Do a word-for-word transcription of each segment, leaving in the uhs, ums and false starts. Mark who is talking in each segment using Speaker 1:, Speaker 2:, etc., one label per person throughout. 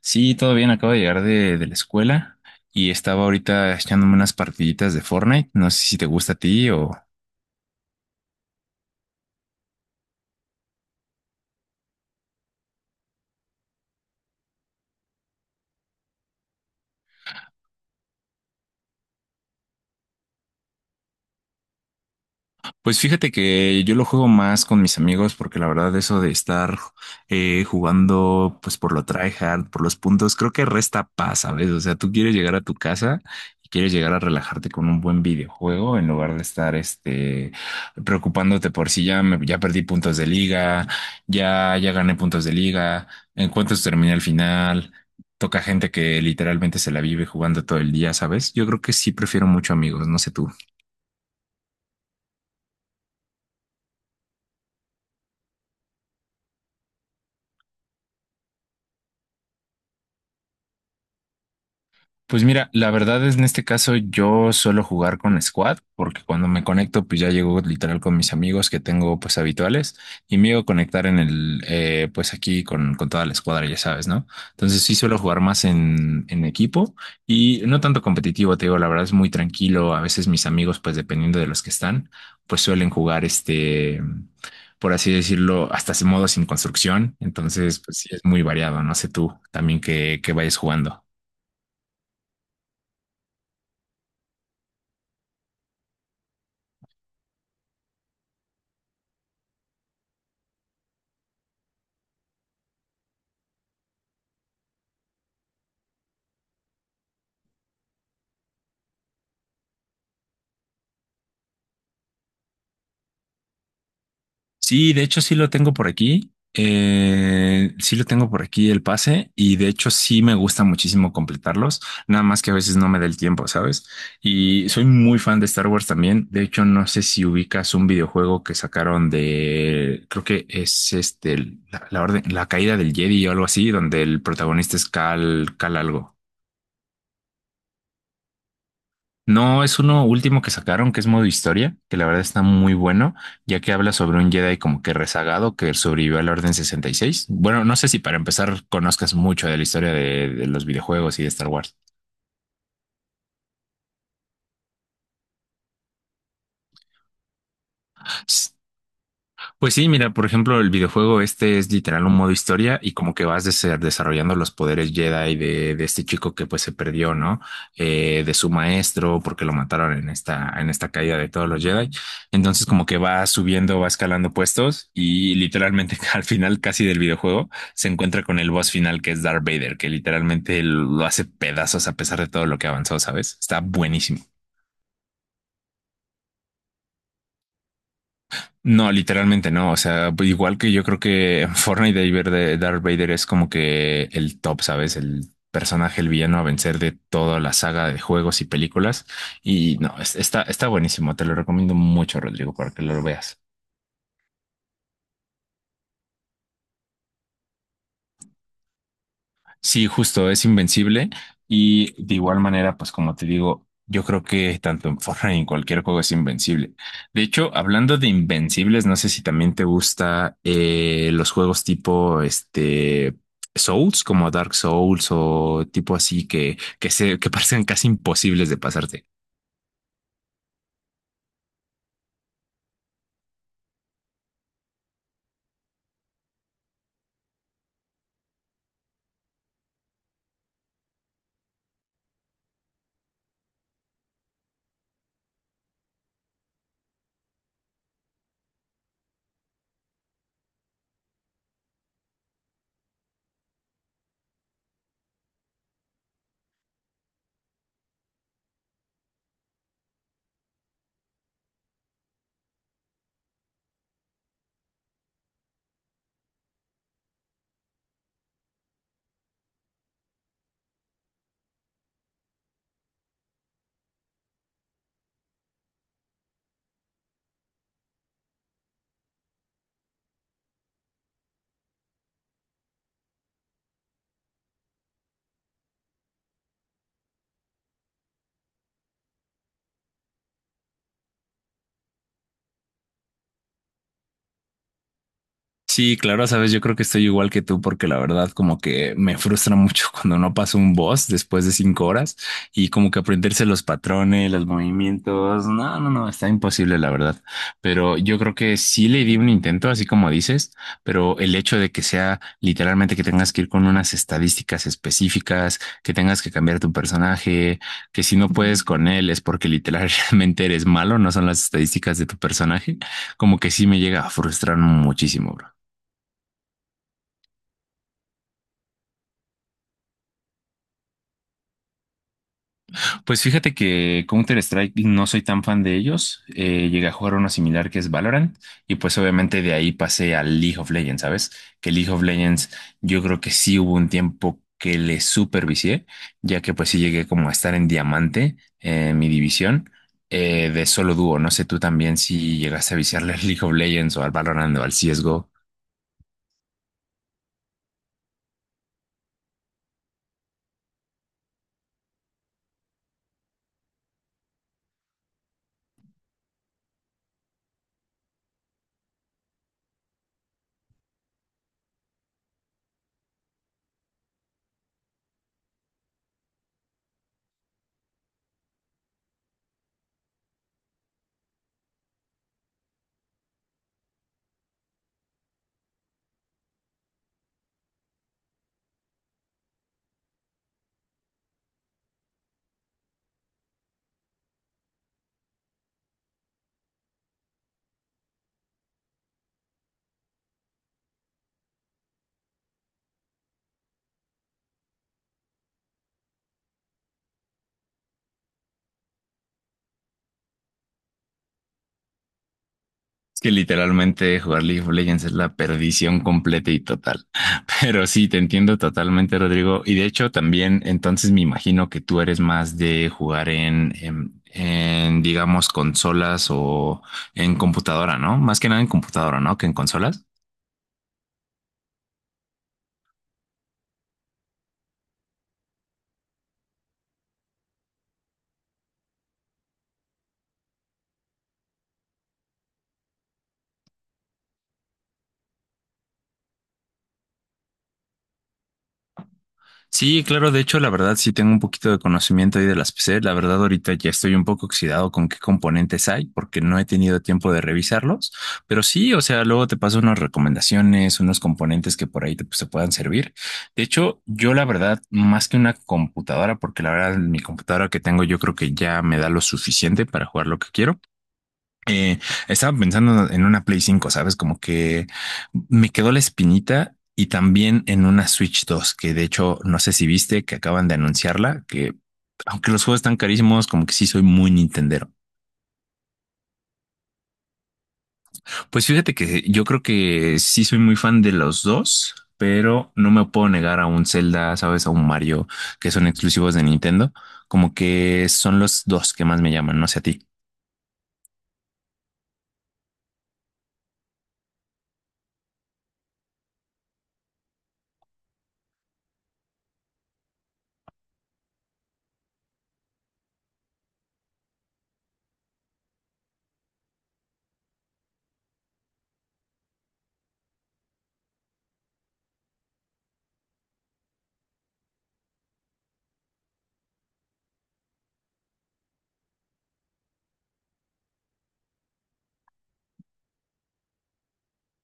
Speaker 1: Sí, todo bien, acabo de llegar de, de la escuela y estaba ahorita echándome unas partiditas de Fortnite. No sé si te gusta a ti o... Pues fíjate que yo lo juego más con mis amigos porque la verdad eso de estar eh, jugando pues por lo tryhard, por los puntos, creo que resta paz, ¿sabes? O sea, tú quieres llegar a tu casa y quieres llegar a relajarte con un buen videojuego en lugar de estar este preocupándote por si ya me- ya perdí puntos de liga, ya ya gané puntos de liga, en cuántos terminé el final. Toca gente que literalmente se la vive jugando todo el día, ¿sabes? Yo creo que sí prefiero mucho amigos, no sé tú. Pues mira, la verdad es en este caso yo suelo jugar con Squad porque cuando me conecto pues ya llego literal con mis amigos que tengo pues habituales y me llego a conectar en el eh, pues aquí con, con toda la escuadra, ya sabes, ¿no? Entonces sí suelo jugar más en, en equipo y no tanto competitivo, te digo, la verdad es muy tranquilo, a veces mis amigos pues dependiendo de los que están pues suelen jugar este, por así decirlo, hasta ese modo sin construcción, entonces pues sí es muy variado, no sé tú también que, que vayas jugando. Sí, de hecho sí lo tengo por aquí. Eh, sí lo tengo por aquí el pase y de hecho sí me gusta muchísimo completarlos, nada más que a veces no me da el tiempo, ¿sabes? Y soy muy fan de Star Wars también. De hecho, no sé si ubicas un videojuego que sacaron de, creo que es este, el- la, la orden, la caída del Jedi o algo así, donde el protagonista es Cal, Cal algo. No, es uno último que sacaron, que es modo historia, que la verdad está muy bueno, ya que habla sobre un Jedi como que rezagado que sobrevivió a la Orden sesenta y seis. Bueno, no sé si para empezar conozcas mucho de la historia de, de los videojuegos y de Star Wars. Pues sí, mira, por ejemplo, el videojuego este es literal un modo historia y como que vas dese- desarrollando los poderes Jedi de, de este chico que pues se perdió, ¿no? Eh, de su maestro porque lo mataron en esta, en esta caída de todos los Jedi. Entonces como que va subiendo, va escalando puestos y literalmente al final casi del videojuego se encuentra con el boss final que es Darth Vader, que literalmente lo hace pedazos a pesar de todo lo que avanzó, ¿sabes? Está buenísimo. No, literalmente no. O sea, igual que yo creo que Fortnite de ver de Darth Vader es como que el top, ¿sabes? El personaje, el villano a vencer de toda la saga de juegos y películas. Y no, es- está, está buenísimo. Te lo recomiendo mucho, Rodrigo, para que lo veas. Sí, justo, es invencible y de igual manera, pues como te digo, yo creo que tanto en Fortnite y en cualquier juego es invencible. De hecho, hablando de invencibles, no sé si también te gusta eh, los juegos tipo este Souls, como Dark Souls o tipo así que que se que parecen casi imposibles de pasarte. Sí, claro, sabes, yo creo que estoy igual que tú porque la verdad como que me frustra mucho cuando no paso un boss después de cinco horas y como que aprenderse los patrones, los movimientos, no, no, no, está imposible la verdad. Pero yo creo que sí le di un intento, así como dices, pero el hecho de que sea literalmente que tengas que ir con unas estadísticas específicas, que tengas que cambiar tu personaje, que si no puedes con él es porque literalmente eres malo, no son las estadísticas de tu personaje, como que sí me llega a frustrar muchísimo, bro. Pues fíjate que Counter-Strike no soy tan fan de ellos. Eh, llegué a jugar uno similar que es Valorant y pues obviamente de ahí pasé al League of Legends, ¿sabes? Que League of Legends yo creo que sí hubo un tiempo que le supervicié, ya que pues sí llegué como a estar en diamante eh, en mi división eh, de solo dúo. No sé tú también si llegaste a viciarle al League of Legends o al Valorant o al C S G O. Es que literalmente jugar League of Legends es la perdición completa y total. Pero sí, te entiendo totalmente, Rodrigo. Y de hecho, también entonces me imagino que tú eres más de jugar en, en, en, digamos, consolas o en computadora, ¿no? Más que nada en computadora, ¿no? Que en consolas. Sí, claro, de hecho, la verdad sí tengo un poquito de conocimiento ahí de las P C. La verdad, ahorita ya estoy un poco oxidado con qué componentes hay, porque no he tenido tiempo de revisarlos. Pero sí, o sea, luego te paso unas recomendaciones, unos componentes que por ahí te, pues, te puedan servir. De hecho, yo la verdad, más que una computadora, porque la verdad, mi computadora que tengo, yo creo que ya me da lo suficiente para jugar lo que quiero. Eh, Estaba pensando en una Play cinco, ¿sabes? Como que me quedó la espinita y también en una Switch dos, que de hecho no sé si viste que acaban de anunciarla, que aunque los juegos están carísimos, como que sí soy muy nintendero. Pues fíjate que yo creo que sí soy muy fan de los dos, pero no me puedo negar a un Zelda, ¿sabes? A un Mario, que son exclusivos de Nintendo, como que son los dos que más me llaman, no sé a ti.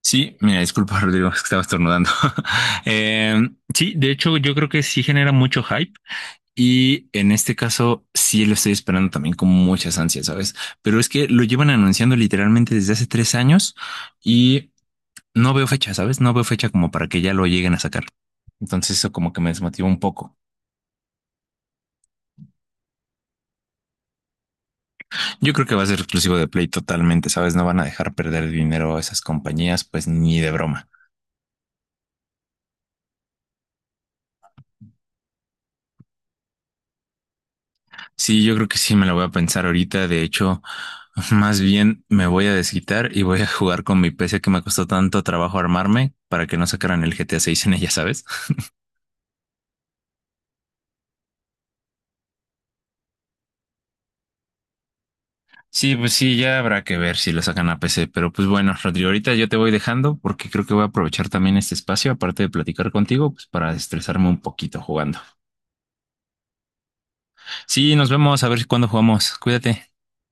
Speaker 1: Sí, mira, disculpa, Rodrigo, es que estaba estornudando. Eh, sí, de hecho, yo creo que sí genera mucho hype y en este caso sí lo estoy esperando también con muchas ansias, ¿sabes? Pero es que lo llevan anunciando literalmente desde hace tres años y no veo fecha, ¿sabes? No veo fecha como para que ya lo lleguen a sacar. Entonces eso como que me desmotiva un poco. Yo creo que va a ser exclusivo de Play totalmente, ¿sabes? No van a dejar perder dinero a esas compañías, pues ni de broma. Sí, yo creo que sí me la voy a pensar ahorita. De hecho, más bien me voy a desquitar y voy a jugar con mi P C que me costó tanto trabajo armarme para que no sacaran el G T A seis en ella, ¿sabes? Sí, pues sí, ya habrá que ver si lo sacan a P C. Pero pues bueno, Rodrigo, ahorita yo te voy dejando porque creo que voy a aprovechar también este espacio, aparte de platicar contigo, pues para estresarme un poquito jugando. Sí, nos vemos, a ver cuándo jugamos. Cuídate.